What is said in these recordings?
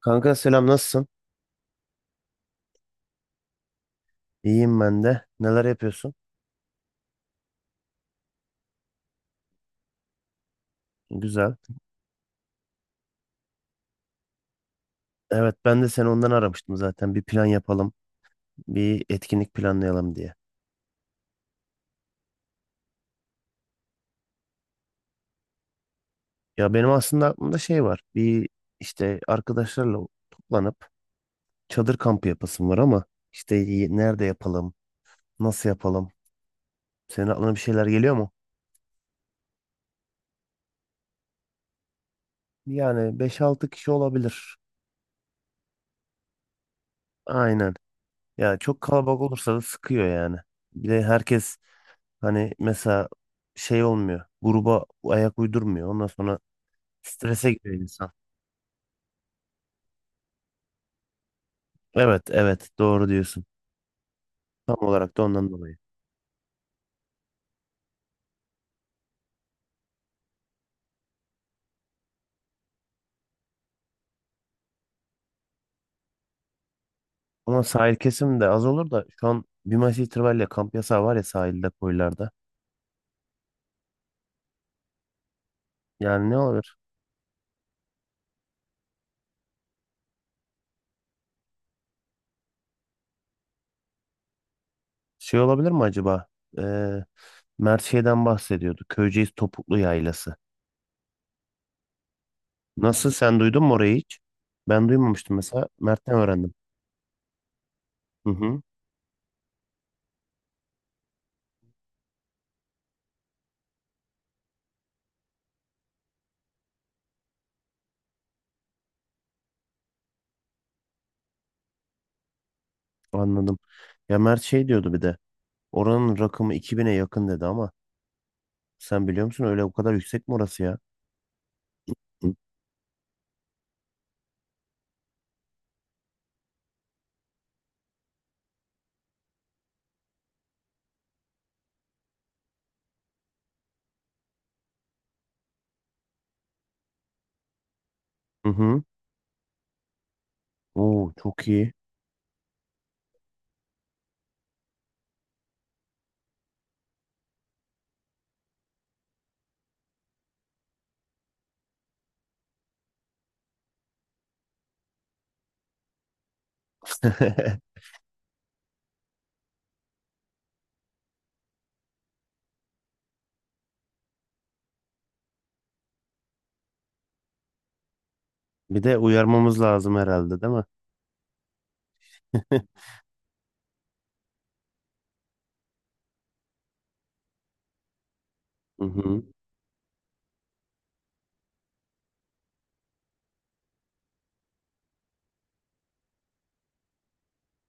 Kanka selam nasılsın? İyiyim ben de. Neler yapıyorsun? Güzel. Evet ben de seni ondan aramıştım zaten. Bir plan yapalım. Bir etkinlik planlayalım diye. Ya benim aslında aklımda şey var. Bir işte arkadaşlarla toplanıp çadır kampı yapasım var ama işte nerede yapalım? Nasıl yapalım? Senin aklına bir şeyler geliyor mu? Yani beş altı kişi olabilir. Aynen. Ya çok kalabalık olursa da sıkıyor yani. Bir de herkes hani mesela şey olmuyor. Gruba ayak uydurmuyor. Ondan sonra strese giriyor insan. Evet evet doğru diyorsun. Tam olarak da ondan dolayı. Ama sahil kesim de az olur da şu an bir maç itibariyle kamp yasağı var ya sahilde koylarda. Yani ne olur? Şey olabilir mi acaba? Ee, Mert şeyden bahsediyordu. Köyceğiz Topuklu Yaylası. Nasıl sen duydun mu orayı hiç? Ben duymamıştım mesela. Mert'ten öğrendim. Hı hı, anladım. Ya Mert şey diyordu bir de. Oranın rakımı 2000'e yakın dedi ama sen biliyor musun öyle o kadar yüksek mi orası ya? Hı hı. Oo, çok iyi. Bir de uyarmamız lazım herhalde, değil mi? Hı hı.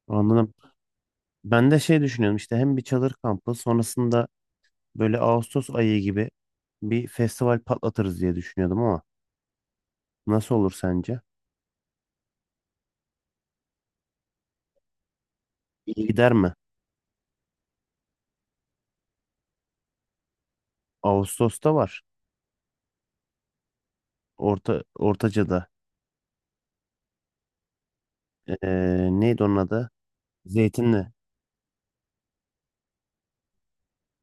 Anladım. Ben de şey düşünüyorum işte hem bir çadır kampı sonrasında böyle Ağustos ayı gibi bir festival patlatırız diye düşünüyordum ama nasıl olur sence? İyi gider mi? Ağustos'ta var. Ortaca'da. Neydi onun adı? Zeytinli.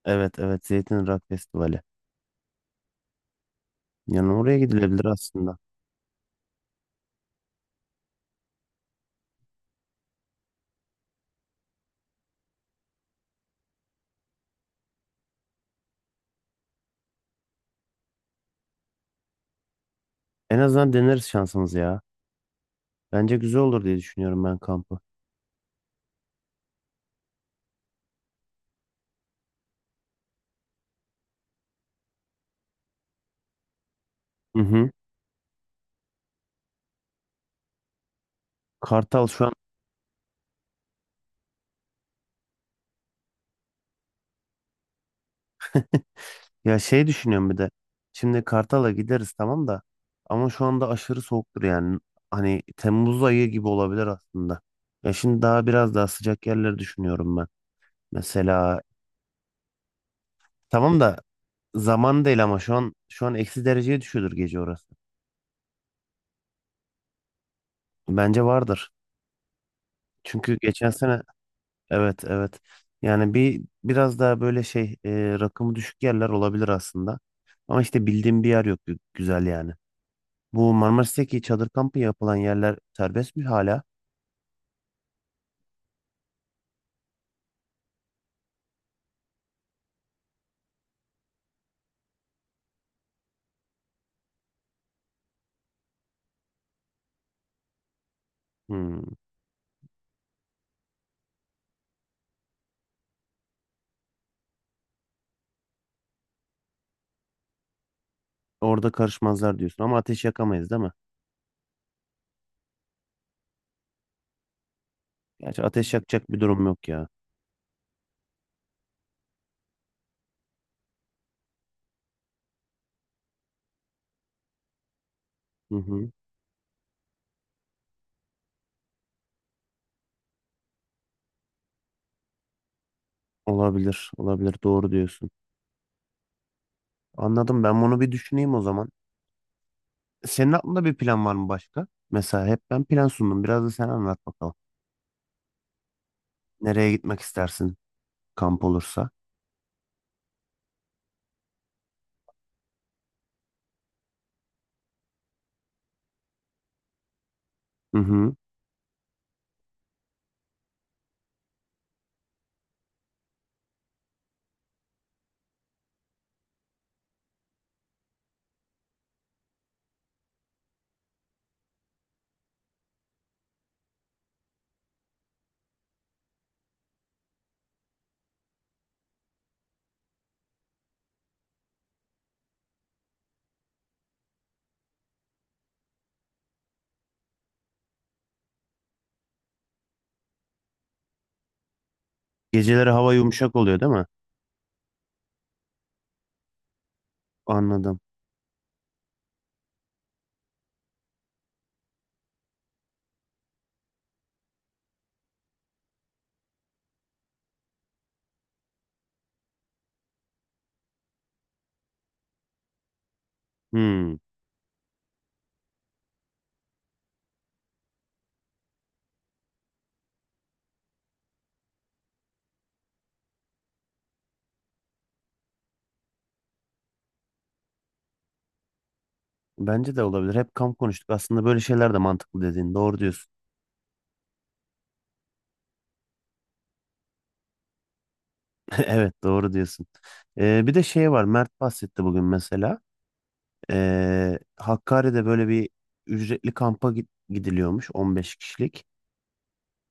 Evet evet Zeytinli Rock Festivali. Yani oraya gidilebilir aslında. En azından deneriz şansımız ya. Bence güzel olur diye düşünüyorum ben kampı. Hı hı. Kartal şu an ya şey düşünüyorum bir de. Şimdi Kartal'a gideriz tamam da ama şu anda aşırı soğuktur yani. Hani Temmuz ayı gibi olabilir aslında. Ya şimdi daha biraz daha sıcak yerleri düşünüyorum ben. Mesela tamam da zaman değil ama şu an eksi dereceye düşüyordur gece orası. Bence vardır. Çünkü geçen sene evet evet. Yani bir biraz daha böyle şey rakımı düşük yerler olabilir aslında. Ama işte bildiğim bir yer yok güzel yani. Bu Marmaris'teki çadır kampı yapılan yerler serbest mi hala? Hmm. Orada karışmazlar diyorsun ama ateş yakamayız değil mi? Gerçi ateş yakacak bir durum yok ya. Hı hı. Olabilir, olabilir. Doğru diyorsun. Anladım. Ben bunu bir düşüneyim o zaman. Senin aklında bir plan var mı başka? Mesela hep ben plan sundum. Biraz da sen anlat bakalım. Nereye gitmek istersin kamp olursa? Hı hı. Geceleri hava yumuşak oluyor değil mi? Anladım. Hmm. Bence de olabilir. Hep kamp konuştuk. Aslında böyle şeyler de mantıklı dediğin. Doğru diyorsun. Evet doğru diyorsun. Bir de şey var. Mert bahsetti bugün mesela. Hakkari'de böyle bir ücretli kampa gidiliyormuş. 15 kişilik.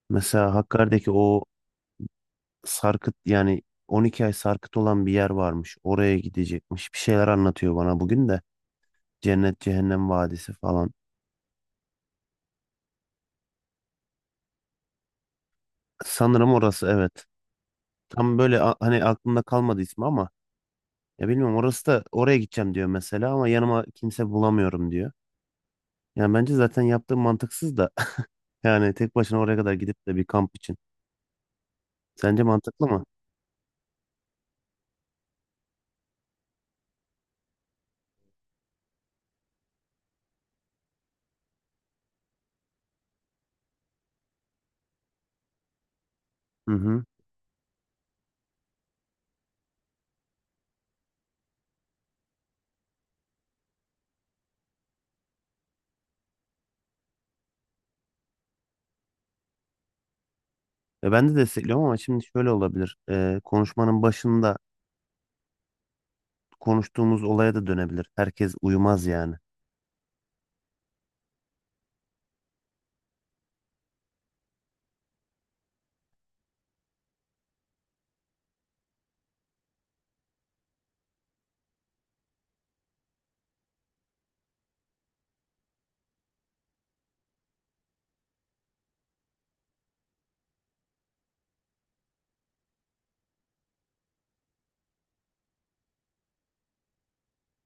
Mesela Hakkari'deki o sarkıt yani 12 ay sarkıt olan bir yer varmış. Oraya gidecekmiş. Bir şeyler anlatıyor bana bugün de. Cennet Cehennem Vadisi falan. Sanırım orası evet. Tam böyle hani aklımda kalmadı ismi ama ya bilmiyorum orası da oraya gideceğim diyor mesela ama yanıma kimse bulamıyorum diyor. Yani bence zaten yaptığım mantıksız da yani tek başına oraya kadar gidip de bir kamp için. Sence mantıklı mı? Hı hı. E, ben de destekliyorum ama şimdi şöyle olabilir. E, konuşmanın başında konuştuğumuz olaya da dönebilir. Herkes uyumaz yani.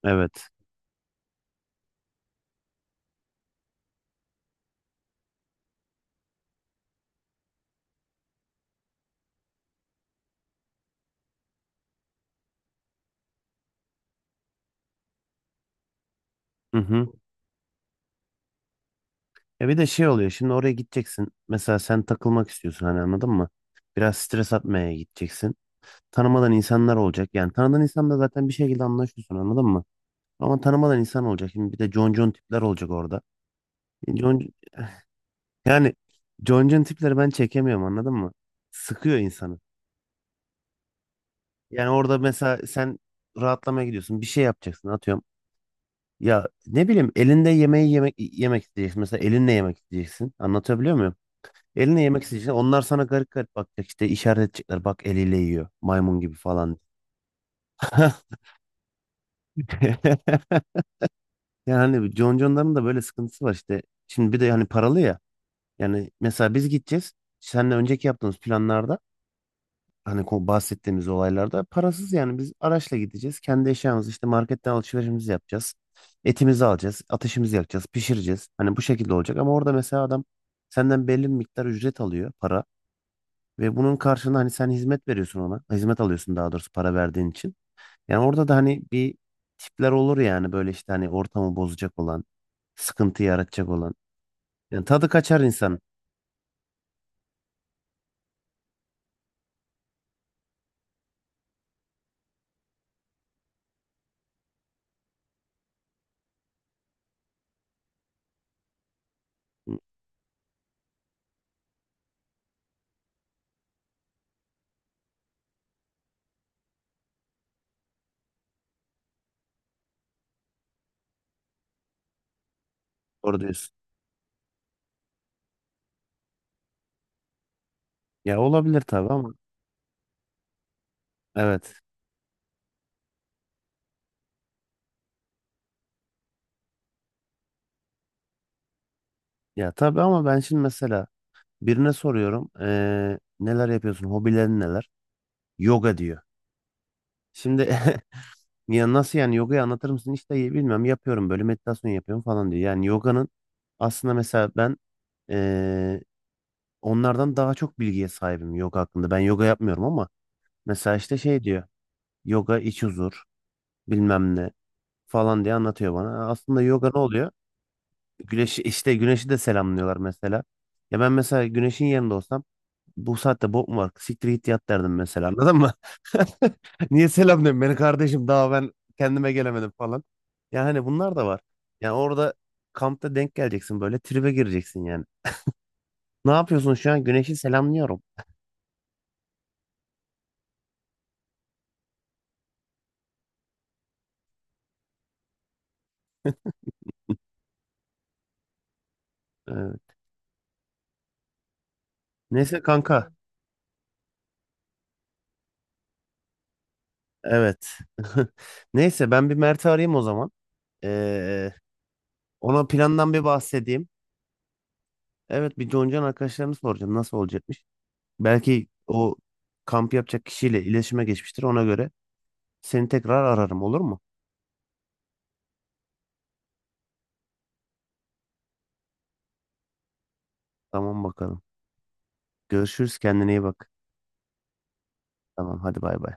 Evet. Hı hı. Ya bir de şey oluyor şimdi oraya gideceksin. Mesela sen takılmak istiyorsun hani anladın mı? Biraz stres atmaya gideceksin. Tanımadan insanlar olacak. Yani tanıdığın insanla zaten bir şekilde anlaşıyorsun anladın mı? Ama tanımadan insan olacak. Şimdi bir de concon tipler olacak orada. E, Con, yani concon tipleri ben çekemiyorum anladın mı? Sıkıyor insanı. Yani orada mesela sen rahatlamaya gidiyorsun. Bir şey yapacaksın atıyorum. Ya ne bileyim elinde yemeği yemek isteyeceksin. Mesela elinle yemek isteyeceksin. Anlatabiliyor muyum? Eline yemek isteyeceksin. Onlar sana garip garip bakacak işte işaret edecekler. Bak eliyle yiyor. Maymun gibi falan. Yani hani John John'ların da böyle sıkıntısı var işte. Şimdi bir de hani paralı ya. Yani mesela biz gideceğiz. Seninle önceki yaptığımız planlarda hani bahsettiğimiz olaylarda parasız yani biz araçla gideceğiz. Kendi eşyamızı işte marketten alışverişimizi yapacağız. Etimizi alacağız. Ateşimizi yakacağız. Pişireceğiz. Hani bu şekilde olacak ama orada mesela adam senden belli bir miktar ücret alıyor para. Ve bunun karşılığında hani sen hizmet veriyorsun ona. Hizmet alıyorsun daha doğrusu para verdiğin için. Yani orada da hani bir tipler olur yani böyle işte hani ortamı bozacak olan, sıkıntı yaratacak olan. Yani tadı kaçar insan. Doğru diyorsun. Ya olabilir tabii ama evet. Ya tabii ama ben şimdi mesela birine soruyorum neler yapıyorsun, hobilerin neler? Yoga diyor. Şimdi ya nasıl yani yogayı anlatır mısın? İşte bilmem yapıyorum böyle meditasyon yapıyorum falan diyor. Yani yoganın aslında mesela ben onlardan daha çok bilgiye sahibim yoga hakkında. Ben yoga yapmıyorum ama mesela işte şey diyor. Yoga iç huzur bilmem ne falan diye anlatıyor bana. Aslında yoga ne oluyor? Güneşi işte güneşi de selamlıyorlar mesela. Ya ben mesela güneşin yerinde olsam bu saatte bok mu var? Siktir git yat derdim mesela anladın mı? Niye selam diyorsun beni kardeşim daha ben kendime gelemedim falan. Ya hani bunlar da var. Yani orada kampta denk geleceksin böyle tribe gireceksin yani. Ne yapıyorsun şu an? Güneşi selamlıyorum. Ee, neyse kanka. Evet. Neyse ben bir Mert'i arayayım o zaman. Ee, ona plandan bir bahsedeyim. Evet bir Joncan arkadaşlarını soracağım nasıl olacakmış. Belki o kamp yapacak kişiyle iletişime geçmiştir ona göre. Seni tekrar ararım olur mu? Tamam bakalım. Görüşürüz kendine iyi bak. Tamam hadi bay bay.